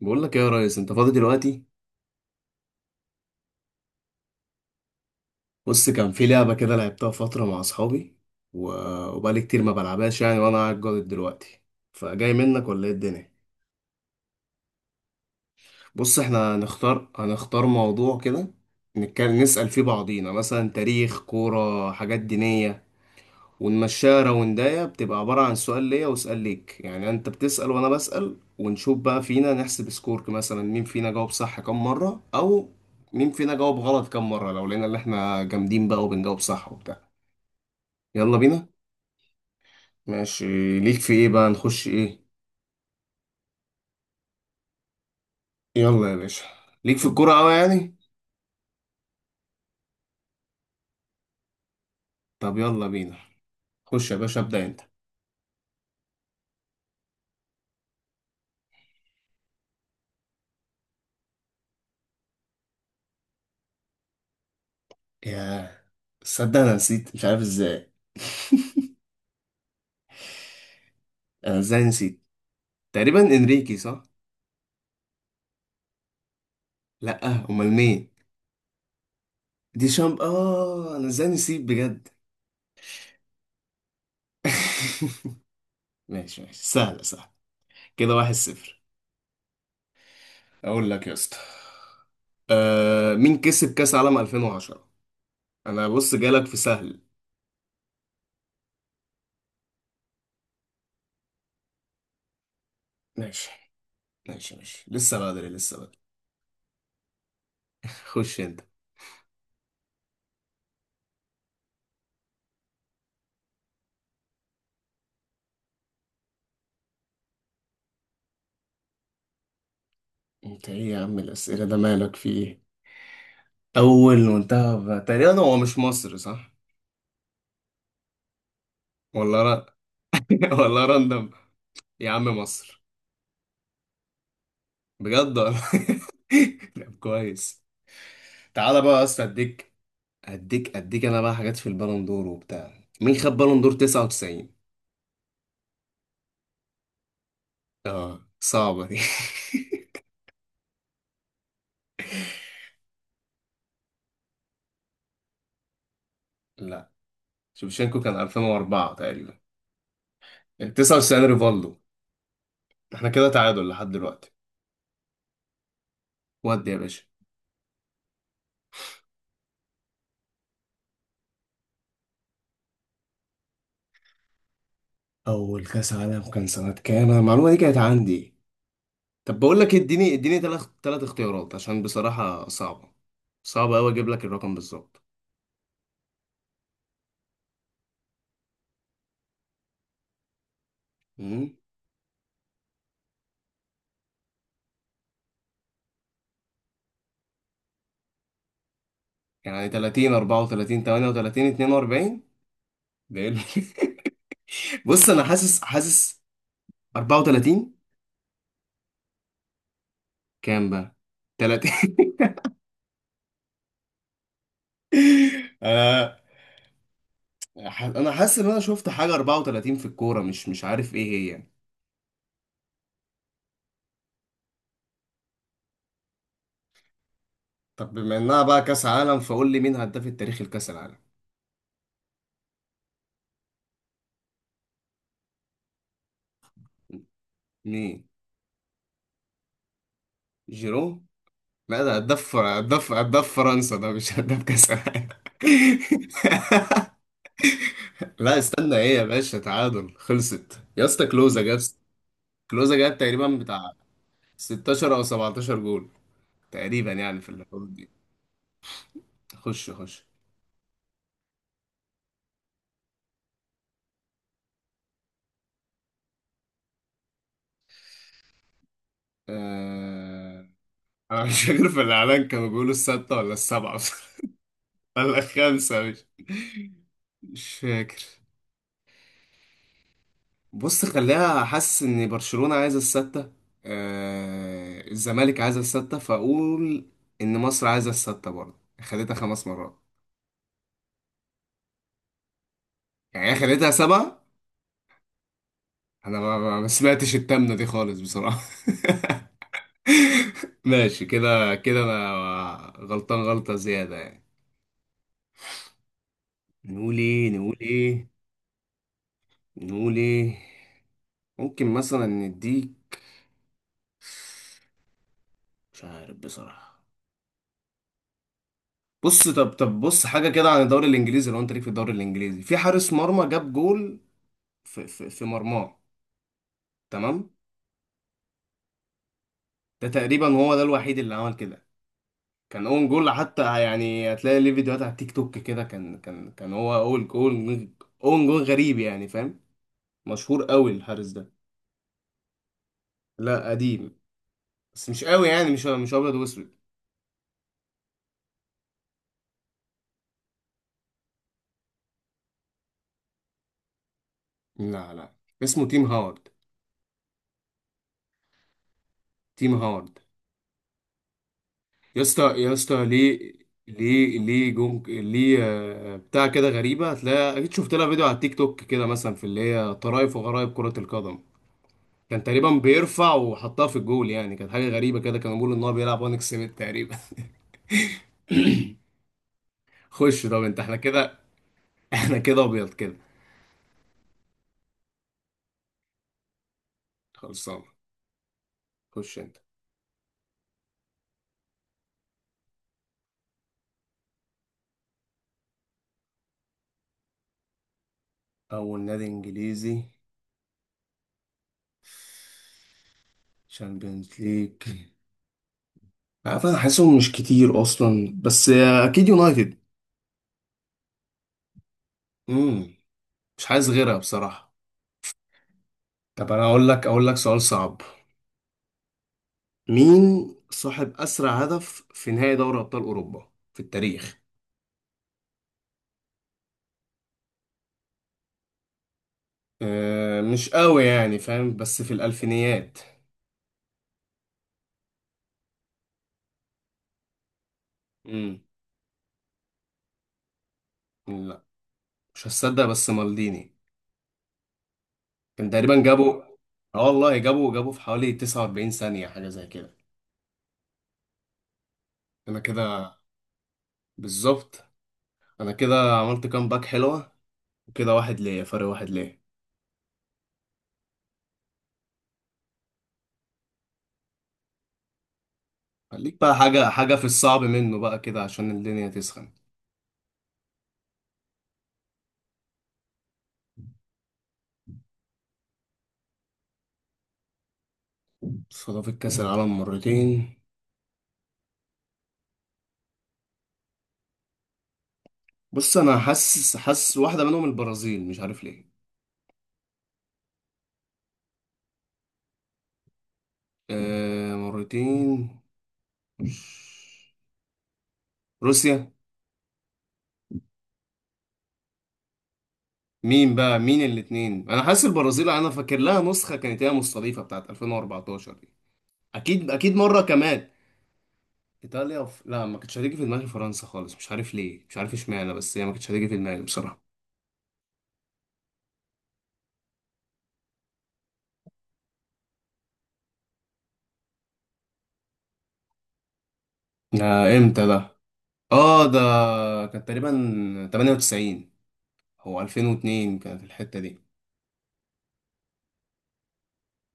بقول لك إيه يا ريس، انت فاضي دلوقتي؟ بص، كان في لعبه كده لعبتها فتره مع اصحابي و... وبقالي كتير ما بلعبهاش يعني، وانا قاعد جاضد دلوقتي، فجاي منك ولا ايه الدنيا؟ بص، احنا هنختار هنختار موضوع كده، نتكلم نسأل فيه بعضينا مثلا تاريخ كوره، حاجات دينيه، ونمشيها راوندايه. بتبقى عبارة عن سؤال ليا وسؤال ليك، يعني انت بتسأل وانا بسأل، ونشوف بقى فينا، نحسب سكور مثلا مين فينا جاوب صح كام مرة، او مين فينا جاوب غلط كام مرة، لو لقينا اللي احنا جامدين بقى وبنجاوب صح وبتاع. يلا بينا. ماشي. ليك في ايه بقى، نخش ايه؟ يلا يا باشا. ليك في الكورة اوي يعني. طب يلا بينا. خش يا باشا، ابدأ انت. ياه، تصدق انا نسيت، مش عارف ازاي. انا ازاي نسيت؟ تقريبا انريكي، صح؟ لا، امال مين؟ دي شامب، اه، انا ازاي نسيب بجد. ماشي ماشي، سهلة سهلة. كده واحد صفر. اقول لك يا اسطى، مين كسب كاس عالم 2010؟ انا بص جالك في سهل. ماشي ماشي ماشي، لسه بدري لسه بدري. خش انت. انت ايه يا عم الاسئله ده، مالك في ايه؟ اول منتخب تقريبا، هو مش مصر، صح؟ ولا ر... ولا راندم. يا عم مصر. بجد ولا؟ طب كويس. تعالى بقى يا اسطى، اديك، اديك اديك انا بقى حاجات في البالون دور وبتاع. مين خد بالون دور 99؟ اه صعبة دي. لا، شوفشينكو كان 2004 تقريبا. 99 ريفالدو. احنا كده تعادل لحد دلوقتي. ودي يا باشا. اول كاس عالم كان سنة كام؟ أنا المعلومة دي كانت عندي. طب بقول لك إيه، اديني اديني ثلاث اختيارات عشان بصراحة صعبة، صعبة قوي، اجيب لك الرقم بالظبط. أمم. يعني 30، 34، 38، 42؟ ده إيه اللي- بص انا حاسس حاسس 34. كام بقى؟ تلاتة. آه انا حاسس ان انا شفت حاجه 34 في الكوره، مش عارف ايه هي يعني. طب بما انها بقى كاس عالم، فقول لي مين هداف التاريخ الكاس العالم؟ مين؟ جيرو؟ لا، ده هداف فرنسا، ده مش هداف كاس العالم. لا استنى، ايه يا باشا؟ تعادل خلصت يا اسطى، كلوزا جاب، كلوزا جاب تقريبا بتاع 16 او 17 جول، تقريبا يعني في الحدود دي. خش خش. آه... انا مش فاكر، في الاعلان كانوا بيقولوا الستة ولا السبعة؟ بصراحة، ولا الخمسة؟ مش، مش فاكر. بص خليها، حاسس ان برشلونة عايزة الستة، الزمالك عايزة الستة، فاقول ان مصر عايزة الستة برضه، خدتها خمس مرات يعني، هي خدتها سبعة. انا ما سمعتش التامنة دي خالص بصراحة. ماشي، كده كده انا غلطان غلطة زيادة يعني. نقول ايه؟ نقول ايه؟ نقول ايه؟ ممكن مثلا نديك، مش عارف بصراحة. بص، طب بص حاجة كده عن الدوري الإنجليزي. لو أنت ليك في الدوري الإنجليزي، في حارس مرمى جاب جول، في مرماه، تمام؟ ده تقريبا هو ده الوحيد اللي عمل كده، كان اون جول حتى يعني، هتلاقي ليه فيديوهات على التيك توك كده، كان هو اول جول. اون جول غريب يعني، فاهم؟ مشهور قوي الحارس ده. لا قديم، بس مش قوي يعني، مش ابيض واسود. لا لا. اسمه تيم هاورد. تيم هاورد. يا اسطى يا اسطى ليه؟ ليه ليه جون ليه؟ بتاع كده غريبة، هتلاقي أكيد شفت لها فيديو على التيك توك كده مثلا، في اللي هي طرائف وغرائب كرة القدم. كان تقريبا بيرفع وحطها في الجول يعني، كانت حاجة غريبة كده، كانوا بيقولوا إن هو بيلعب وان اكسبت تقريبا. خش، طب أنت، احنا كده، احنا كده أبيض كده. خلصان. خش أنت. أول نادي إنجليزي شامبيونز ليج. عارف، أنا حاسسهم مش كتير أصلا، بس أكيد يونايتد. امم مش عايز غيرها بصراحة. طب انا اقول لك اقول لك سؤال صعب. مين صاحب اسرع هدف في نهائي دوري ابطال اوروبا في التاريخ؟ أه مش قوي يعني فاهم، بس في الالفينيات. امم لا مش هتصدق، بس مالديني. كان تقريبا جابوا، اه والله، جابوا جابوا في حوالي 49 ثانية، حاجة زي كده. انا كده. بالظبط. انا كده عملت كام باك حلوة، وكده واحد ليا، فرق واحد ليا. خليك بقى حاجة، حاجة في الصعب منه بقى كده عشان الدنيا تسخن. استضاف كأس العالم مرتين. بص، انا حاسس حاسس واحده منهم البرازيل، مش عارف ليه. آه مرتين. مش- روسيا. مين بقى، مين الاتنين؟ انا حاسس البرازيل، انا فاكر لها نسخه كانت هي مستضيفه بتاعت 2014 دي، اكيد اكيد مره كمان. ايطاليا لا ما كانتش هتيجي في دماغي فرنسا خالص، مش عارف ليه، مش عارف اشمعنى، بس هي ما كانتش هتيجي في دماغي بصراحه. آه امتى ده؟ اه ده كان تقريبا 98 او 2002، كانت الحته دي.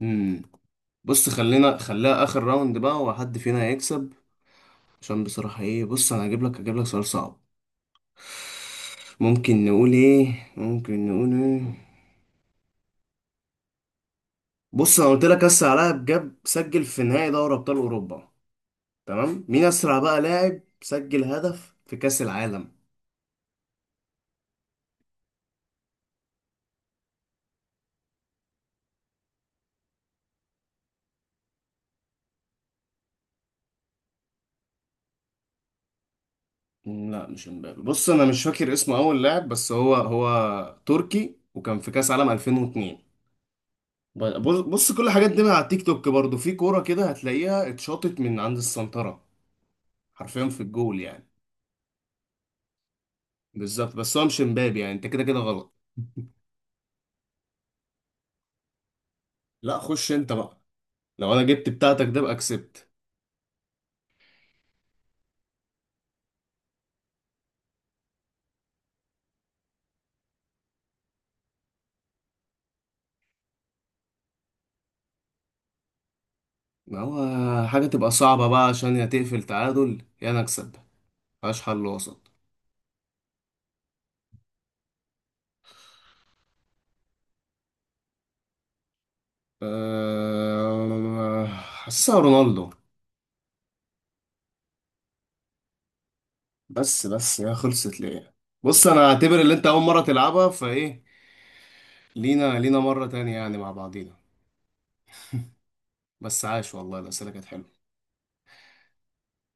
امم بص خلينا خليها اخر راوند بقى، وحد فينا هيكسب، عشان بصراحة ايه. بص انا هجيب لك هجيب لك سؤال صعب. ممكن نقول ايه؟ ممكن نقول ايه؟ بص انا قلت لك اسرع لاعب جاب سجل في نهائي دوري ابطال اوروبا، تمام؟ مين اسرع بقى لاعب سجل هدف في كاس العالم؟ لا مش امبابي. بص انا مش فاكر اسمه اول لاعب، بس هو تركي، وكان في كاس عالم 2002. بص كل الحاجات دي من على التيك توك برضو، في كورة كده هتلاقيها اتشاطت من عند السنترة حرفيا في الجول يعني. بالظبط، بس هو مش امبابي يعني، انت كده كده غلط. لا خش انت بقى، لو انا جبت بتاعتك ده بقى كسبت. ما هو حاجة تبقى صعبة بقى، عشان يا تقفل تعادل يا انا اكسب، ملهاش حل وسط. حاسسها رونالدو. بس بس يا خلصت ليه؟ بص انا اعتبر اللي انت اول مرة تلعبها، فايه لينا، لينا مرة تانية يعني مع بعضينا. بس عاش والله، الأسئلة كانت حلوة.